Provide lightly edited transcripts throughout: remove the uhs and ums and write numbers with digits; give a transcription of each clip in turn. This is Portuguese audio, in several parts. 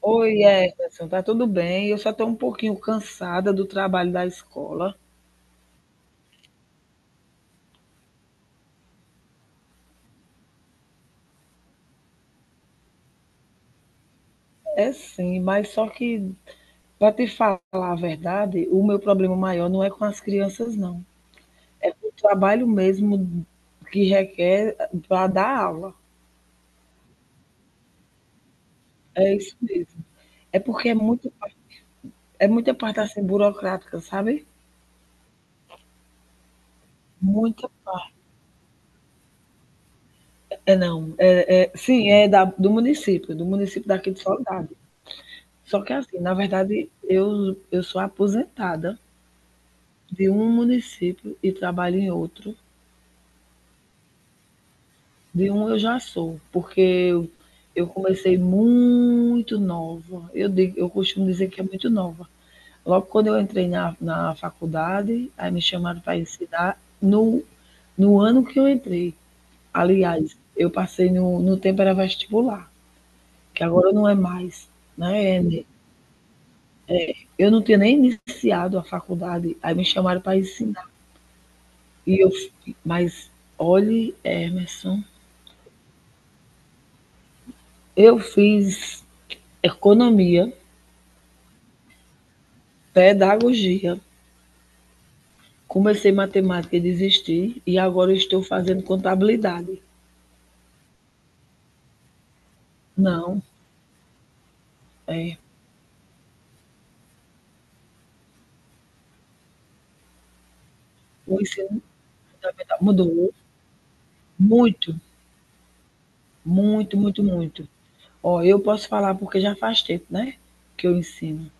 Oi, Emerson, tá tudo bem? Eu só estou um pouquinho cansada do trabalho da escola. É sim, mas só que, para te falar a verdade, o meu problema maior não é com as crianças, não. É com o trabalho mesmo que requer para dar aula. É isso mesmo. É porque é muita parte assim burocrática, sabe? Muita. É não, é sim, do município daqui de Soledade. Só que assim, na verdade, eu sou aposentada. De um município e trabalho em outro. De um eu já sou, porque eu comecei muito nova. Eu, digo, eu costumo dizer que é muito nova. Logo quando eu entrei na faculdade, aí me chamaram para ensinar no ano que eu entrei. Aliás, eu passei no tempo era vestibular, que agora não é mais, né? É, eu não tinha nem iniciado a faculdade, aí me chamaram para ensinar. E eu, mas olhe, Emerson, eu fiz economia, pedagogia, comecei matemática e desisti, e agora estou fazendo contabilidade. Não, é, o ensino fundamental mudou muito, muito, muito, muito. Ó, eu posso falar porque já faz tempo, né, que eu ensino.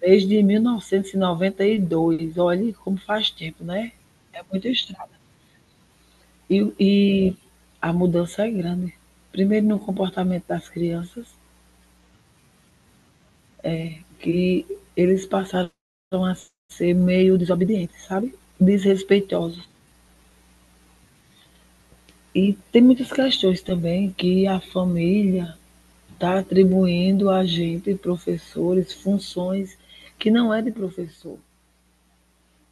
Desde 1992, olhe como faz tempo, né? É muito estranho. E a mudança é grande. Primeiro no comportamento das crianças, que eles passaram a ser meio desobedientes, sabe? Desrespeitosos. E tem muitas questões também que a família está atribuindo a gente, professores, funções que não é de professor.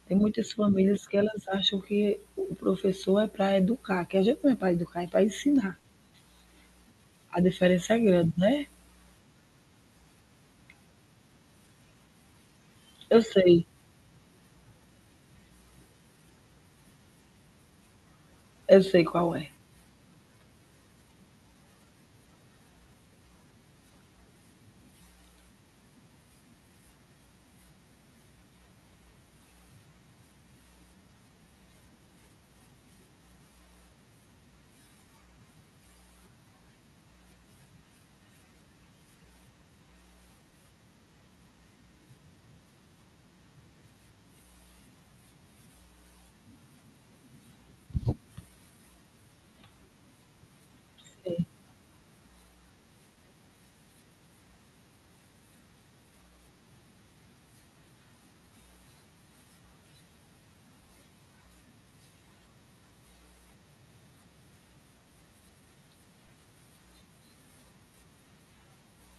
Tem muitas famílias que elas acham que o professor é para educar, que a gente não é para educar, é para ensinar. A diferença é grande, né? Eu sei, eu sei qual é.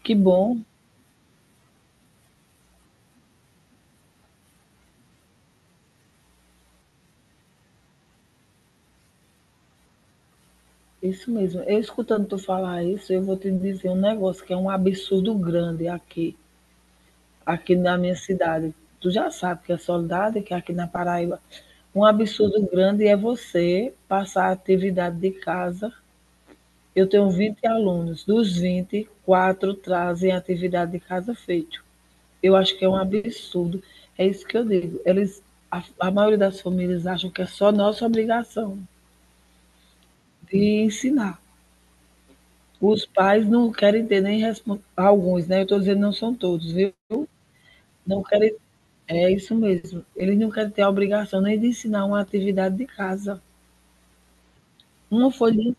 Que bom. Isso mesmo. Eu escutando tu falar isso, eu vou te dizer um negócio que é um absurdo grande aqui na minha cidade. Tu já sabe que é Soledade, que é aqui na Paraíba. Um absurdo grande é você passar a atividade de casa. Eu tenho 20 alunos, dos 20, 4 trazem atividade de casa feito. Eu acho que é um absurdo. É isso que eu digo. Eles, a maioria das famílias acham que é só nossa obrigação de ensinar. Os pais não querem ter nem alguns, né? Eu estou dizendo não são todos, viu? Não querem, é isso mesmo. Eles não querem ter a obrigação nem de ensinar uma atividade de casa. Uma folhinha,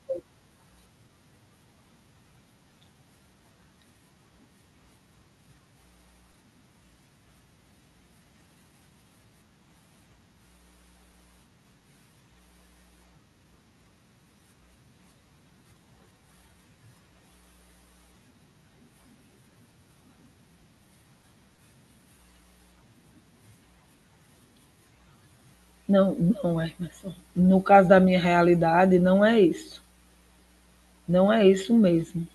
não, não, Emerson. No caso da minha realidade, não é isso. Não é isso mesmo.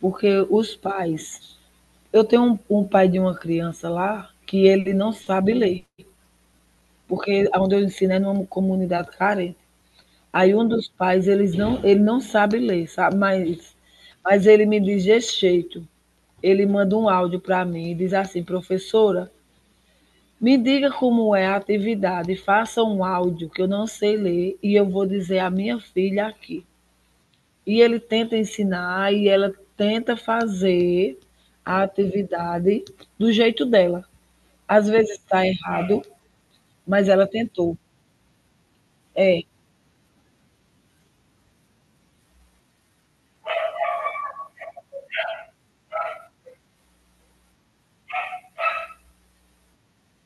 Porque os pais, eu tenho um pai de uma criança lá que ele não sabe ler, porque onde eu ensino é numa comunidade carente. Aí um dos pais, eles não, ele não sabe ler, sabe? Mas ele me diz desse jeito. Ele manda um áudio para mim e diz assim, professora, me diga como é a atividade, faça um áudio que eu não sei ler e eu vou dizer à minha filha aqui. E ele tenta ensinar e ela tenta fazer a atividade do jeito dela. Às vezes está errado, mas ela tentou. É,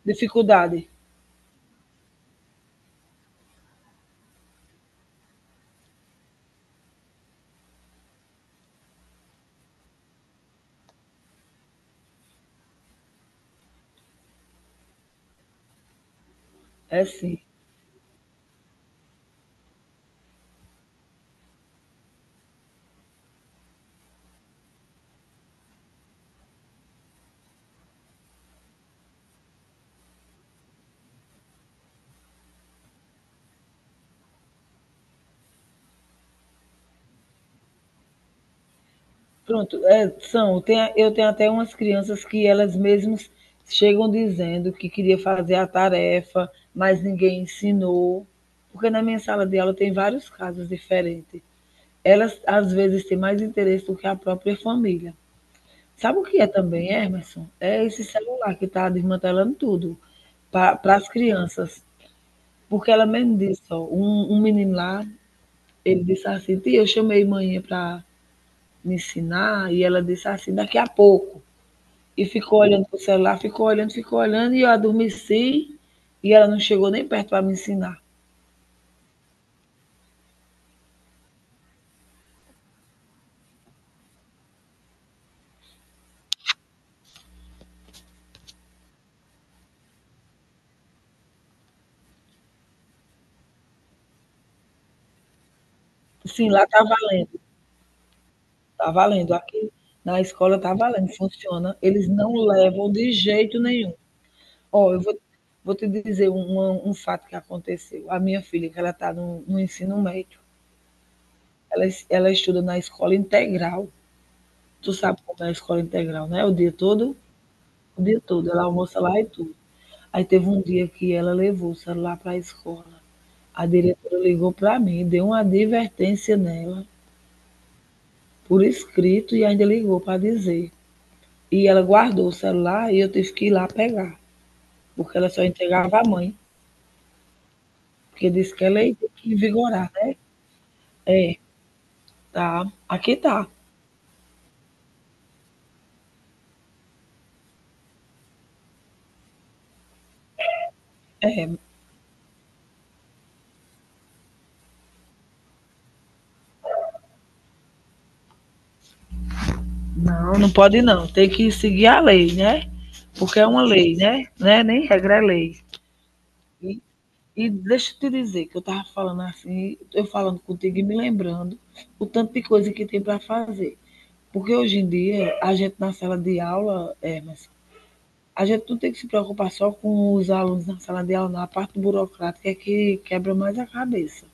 dificuldade. É sim. Pronto, eu tenho até umas crianças que elas mesmas chegam dizendo que queria fazer a tarefa, mas ninguém ensinou, porque na minha sala de aula tem vários casos diferentes. Elas, às vezes, têm mais interesse do que a própria família. Sabe o que é também, Emerson? É esse celular que está desmantelando tudo para as crianças. Porque ela mesmo disse, ó, um menino lá, ele disse assim, tia, eu chamei manhã para me ensinar, e ela disse assim, daqui a pouco. E ficou olhando pro celular, ficou olhando, e eu adormeci, e ela não chegou nem perto para me ensinar. Sim, lá tá valendo, tá valendo. Aqui na escola tá valendo, funciona. Eles não levam de jeito nenhum. Ó, eu vou te dizer um fato que aconteceu. A minha filha, que ela tá no ensino médio, ela estuda na escola integral. Tu sabe como é a escola integral, né? O dia todo, o dia todo. Ela almoça lá e tudo. Aí teve um dia que ela levou o celular para a escola. A diretora ligou para mim, deu uma advertência nela, por escrito, e ainda ligou para dizer. E ela guardou o celular e eu tive que ir lá pegar, porque ela só entregava à mãe, porque disse que ela ia ter que vigorar, né? É, tá. Aqui tá. É, não, não pode não. Tem que seguir a lei, né? Porque é uma lei, né? Não é nem regra, é lei. E, e deixa eu te dizer que eu tava falando assim, eu falando contigo e me lembrando o tanto de coisa que tem para fazer. Porque hoje em dia, a gente na sala de aula, mas a gente não tem que se preocupar só com os alunos na sala de aula, na parte burocrática é que quebra mais a cabeça.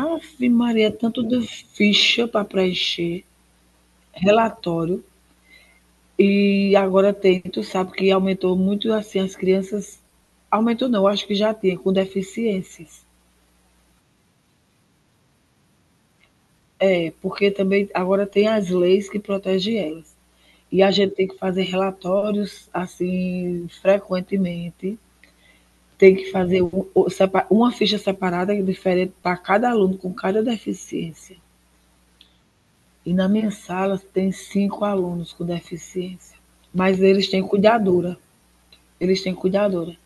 Ave Maria, tanto de ficha para preencher, relatório, e agora tem, tu sabe que aumentou muito assim as crianças. Aumentou não, acho que já tinha, com deficiências. É, porque também agora tem as leis que protegem elas. E a gente tem que fazer relatórios assim frequentemente tem que fazer uma ficha separada diferente para cada aluno com cada deficiência. E na minha sala tem cinco alunos com deficiência, mas eles têm cuidadora. Eles têm cuidadora.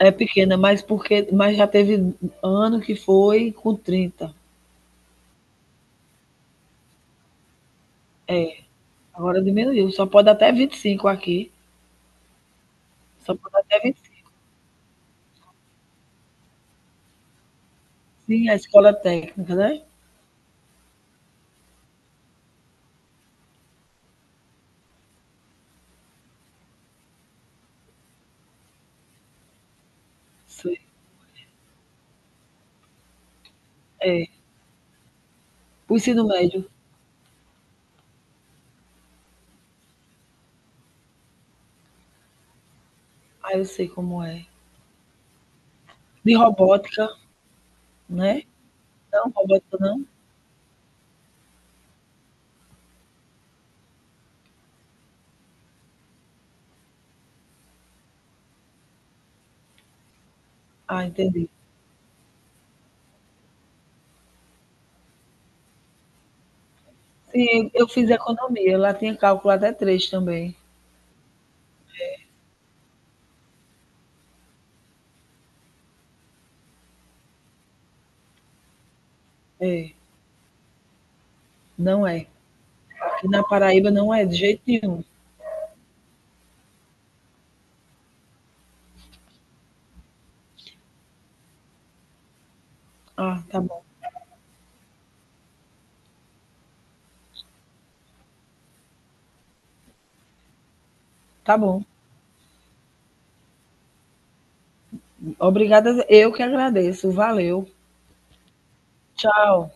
É pequena, mas já teve ano que foi com 30. Agora diminuiu, só pode até 25 aqui. Só pode até 25 sim, a escola técnica, né? É. O ensino médio, ah, eu sei como é. De robótica, né? Não, robótica não? Ah, entendi. Sim, eu fiz economia. Lá tinha cálculo até três também. É, não é. Aqui na Paraíba não é de jeito nenhum. Ah, tá bom. Tá bom. Obrigada. Eu que agradeço. Valeu. Tchau.